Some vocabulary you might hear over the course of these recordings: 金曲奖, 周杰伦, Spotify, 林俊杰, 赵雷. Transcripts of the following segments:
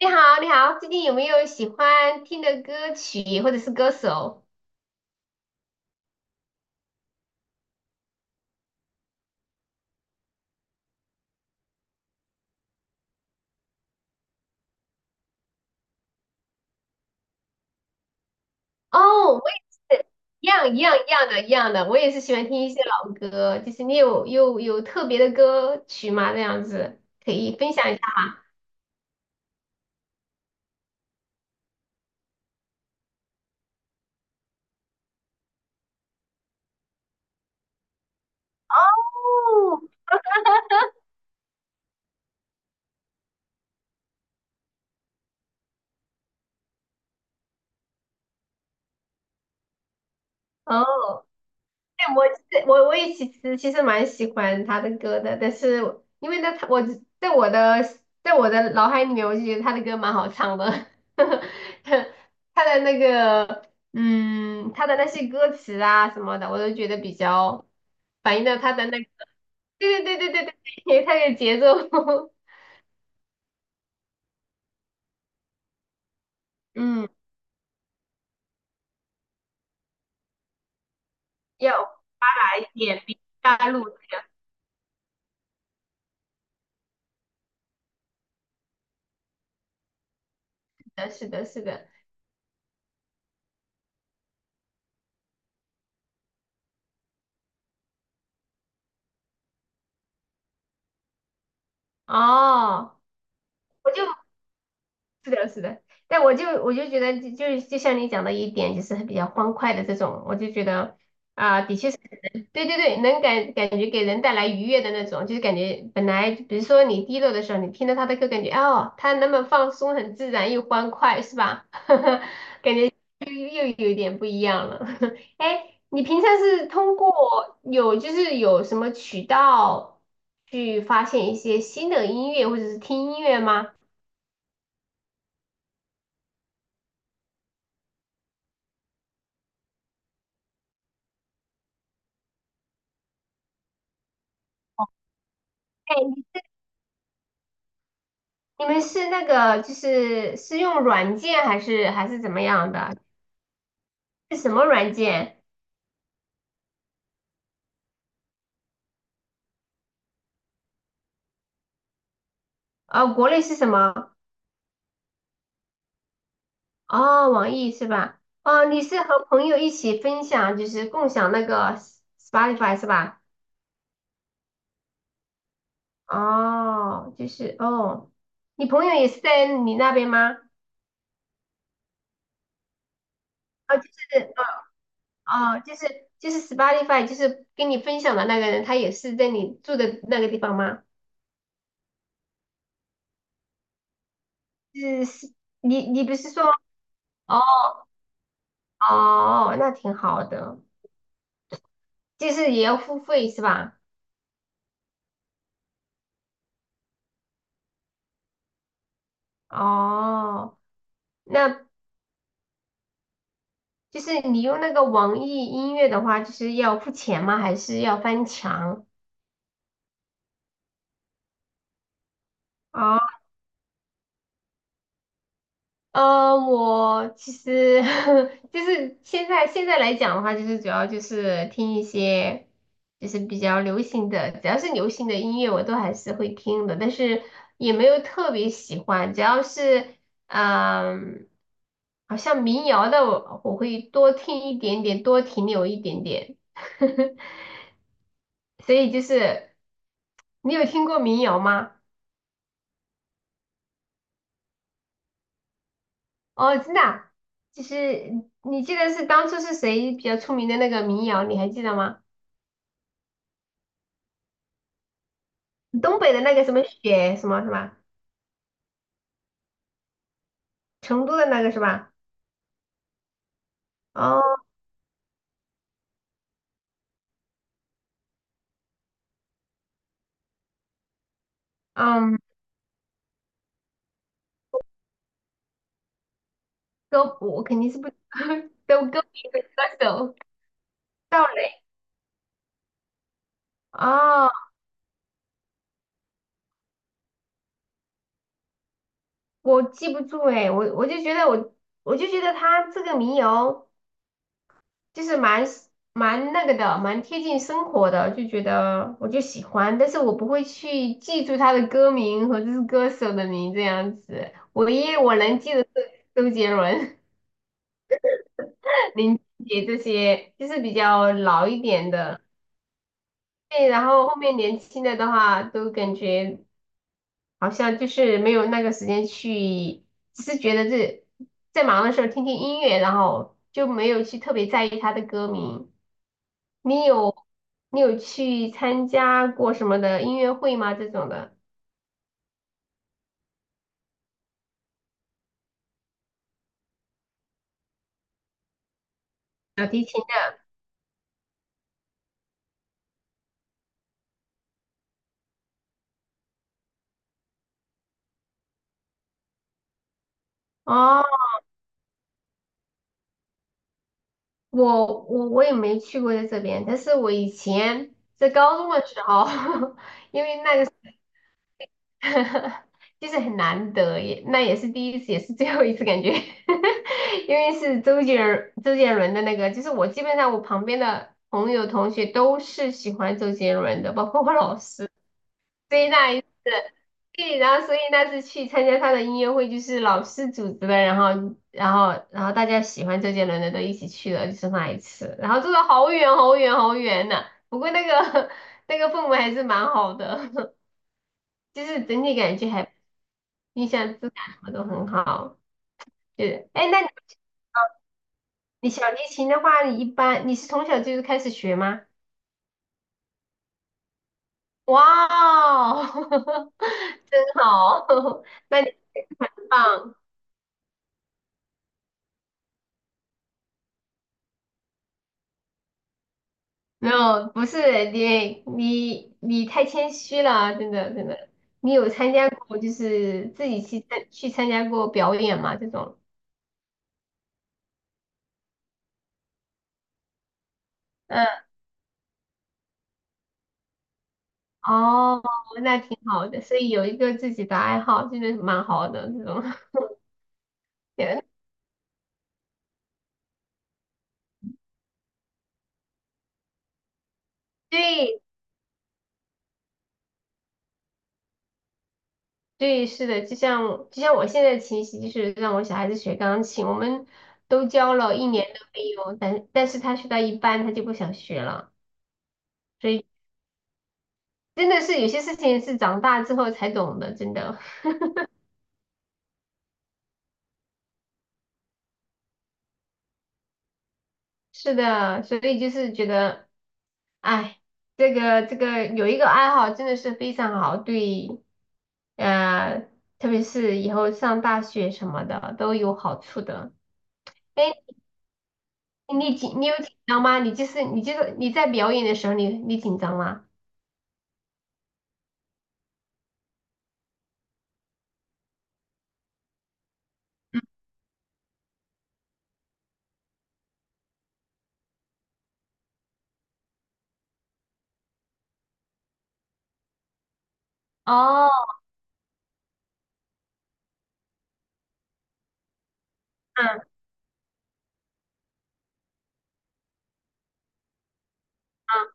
你好，你好，最近有没有喜欢听的歌曲或者是歌手？哦，我也是，一样一样一样的，一样的，我也是喜欢听一些老歌。就是你有特别的歌曲吗？这样子可以分享一下。哦，哦，对，我其实我我也其实其实蛮喜欢他的歌的，但是我因为呢，他我只在我的在我的脑海里面，我就觉得他的歌蛮好唱的，他的那个嗯，他的那些歌词啊什么的，我都觉得比较反映到他的那个，对对对对对对，他的节奏，嗯，要发达一点，比大陆这样，是的，是的，是的，哦。我就是的，是的，但我就觉得就像你讲的一点，就是比较欢快的这种，我就觉得啊、的确是对对对，能感感觉给人带来愉悦的那种，就是感觉本来比如说你低落的时候，你听到他的歌，感觉哦，他那么放松，很自然又欢快，是吧？感觉又又有一点不一样了。哎，你平常是通过有就是有什么渠道去发现一些新的音乐，或者是听音乐吗？哎，你们是那个就是是用软件还是还是怎么样的？是什么软件？哦，国内是什么？哦，网易是吧？哦，你是和朋友一起分享，就是共享那个 Spotify 是吧？哦，就是哦，你朋友也是在你那边吗？哦，就是哦哦，就是就是 Spotify，就是跟你分享的那个人，他也是在你住的那个地方吗？是是，你你不是说哦，哦哦那挺好的。就是也要付费是吧？哦，那就是你用那个网易音乐的话，就是要付钱吗？还是要翻墙？哦，我其实 就是现在来讲的话，就是主要就是听一些就是比较流行的，只要是流行的音乐我都还是会听的，但是也没有特别喜欢，只要是嗯、好像民谣的我会多听一点点，多停留一点点。所以就是你有听过民谣吗？哦，真的啊就是你记得是当初是谁比较出名的那个民谣，你还记得吗？东北的那个什么雪什么什么，成都的那个是吧？哦，嗯，歌我肯定是不 都歌名和歌手赵雷哦，我记不住哎，我就觉得我我就觉得他这个民谣就是蛮蛮那个的，蛮贴近生活的，就觉得我就喜欢，但是我不会去记住他的歌名和这是歌手的名这样子，唯一我能记得是周杰伦、林俊杰这些，就是比较老一点的。对，然后后面年轻的的话，都感觉好像就是没有那个时间去，只是觉得这在忙的时候听听音乐，然后就没有去特别在意他的歌名。你有你有去参加过什么的音乐会吗？这种的小提琴的？哦，我也没去过在这边，但是我以前在高中的时候，因为那个。就是很难得，也那也是第一次，也是最后一次感觉，因为是周杰伦的那个，就是我基本上我旁边的朋友同学都是喜欢周杰伦的，包括我老师，所以那一次，对，然后所以那次去参加他的音乐会，就是老师组织的，然后大家喜欢周杰伦的都一起去了，就是那一次，然后坐的好远好远好远呐、不过那个 那个氛围还是蛮好的，就是整体感觉还印象质感什么都很好。就是，哎，那你你小提琴的话，你一般你是从小就是开始学吗？哇哦，真好，那你很棒。没有，不是你太谦虚了，真的真的。你有参加过就是自己去参加过表演吗？这种？嗯，哦，那挺好的，所以有一个自己的爱好，真的蛮好的这种。对，对，是的，就像我现在的情形，就是让我小孩子学钢琴，我们都交了一年的费用，但是他学到一半他就不想学了，所以真的是有些事情是长大之后才懂的，真的 是的，所以就是觉得，哎，这个有一个爱好真的是非常好，对，呃，特别是以后上大学什么的都有好处的。哎，你紧你有紧张吗？你就是你在表演的时候你你紧张吗？哦，嗯嗯，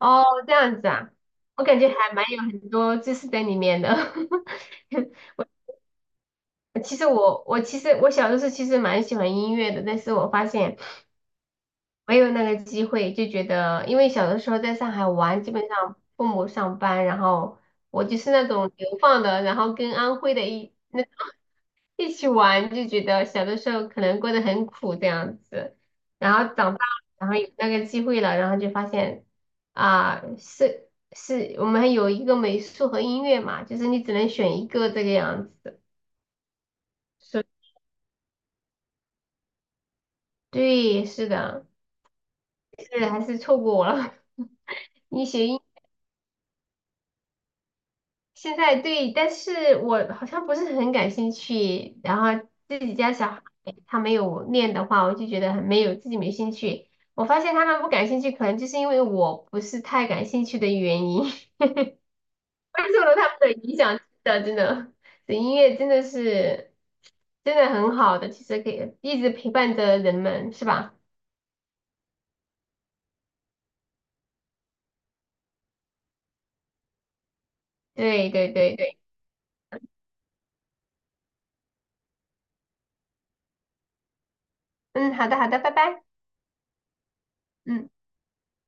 哦，这样子啊，我感觉还蛮有很多知识在里面的。其实我其实我小的时候其实蛮喜欢音乐的，但是我发现没有那个机会，就觉得因为小的时候在上海玩，基本上父母上班，然后我就是那种流放的，然后跟安徽的一。那。一起玩就觉得小的时候可能过得很苦这样子，然后长大然后有那个机会了，然后就发现啊，是是我们有一个美术和音乐嘛，就是你只能选一个这个样子。是，对，是的，是还是错过了。你学音现在对，但是我好像不是很感兴趣。然后自己家小孩他没有练的话，我就觉得很没有自己没兴趣。我发现他们不感兴趣，可能就是因为我不是太感兴趣的原因，我受了他们的影响。真的，真的，这音乐真的是真的很好的，其实可以一直陪伴着人们，是吧？对对对对，嗯，好的好的，拜拜，嗯。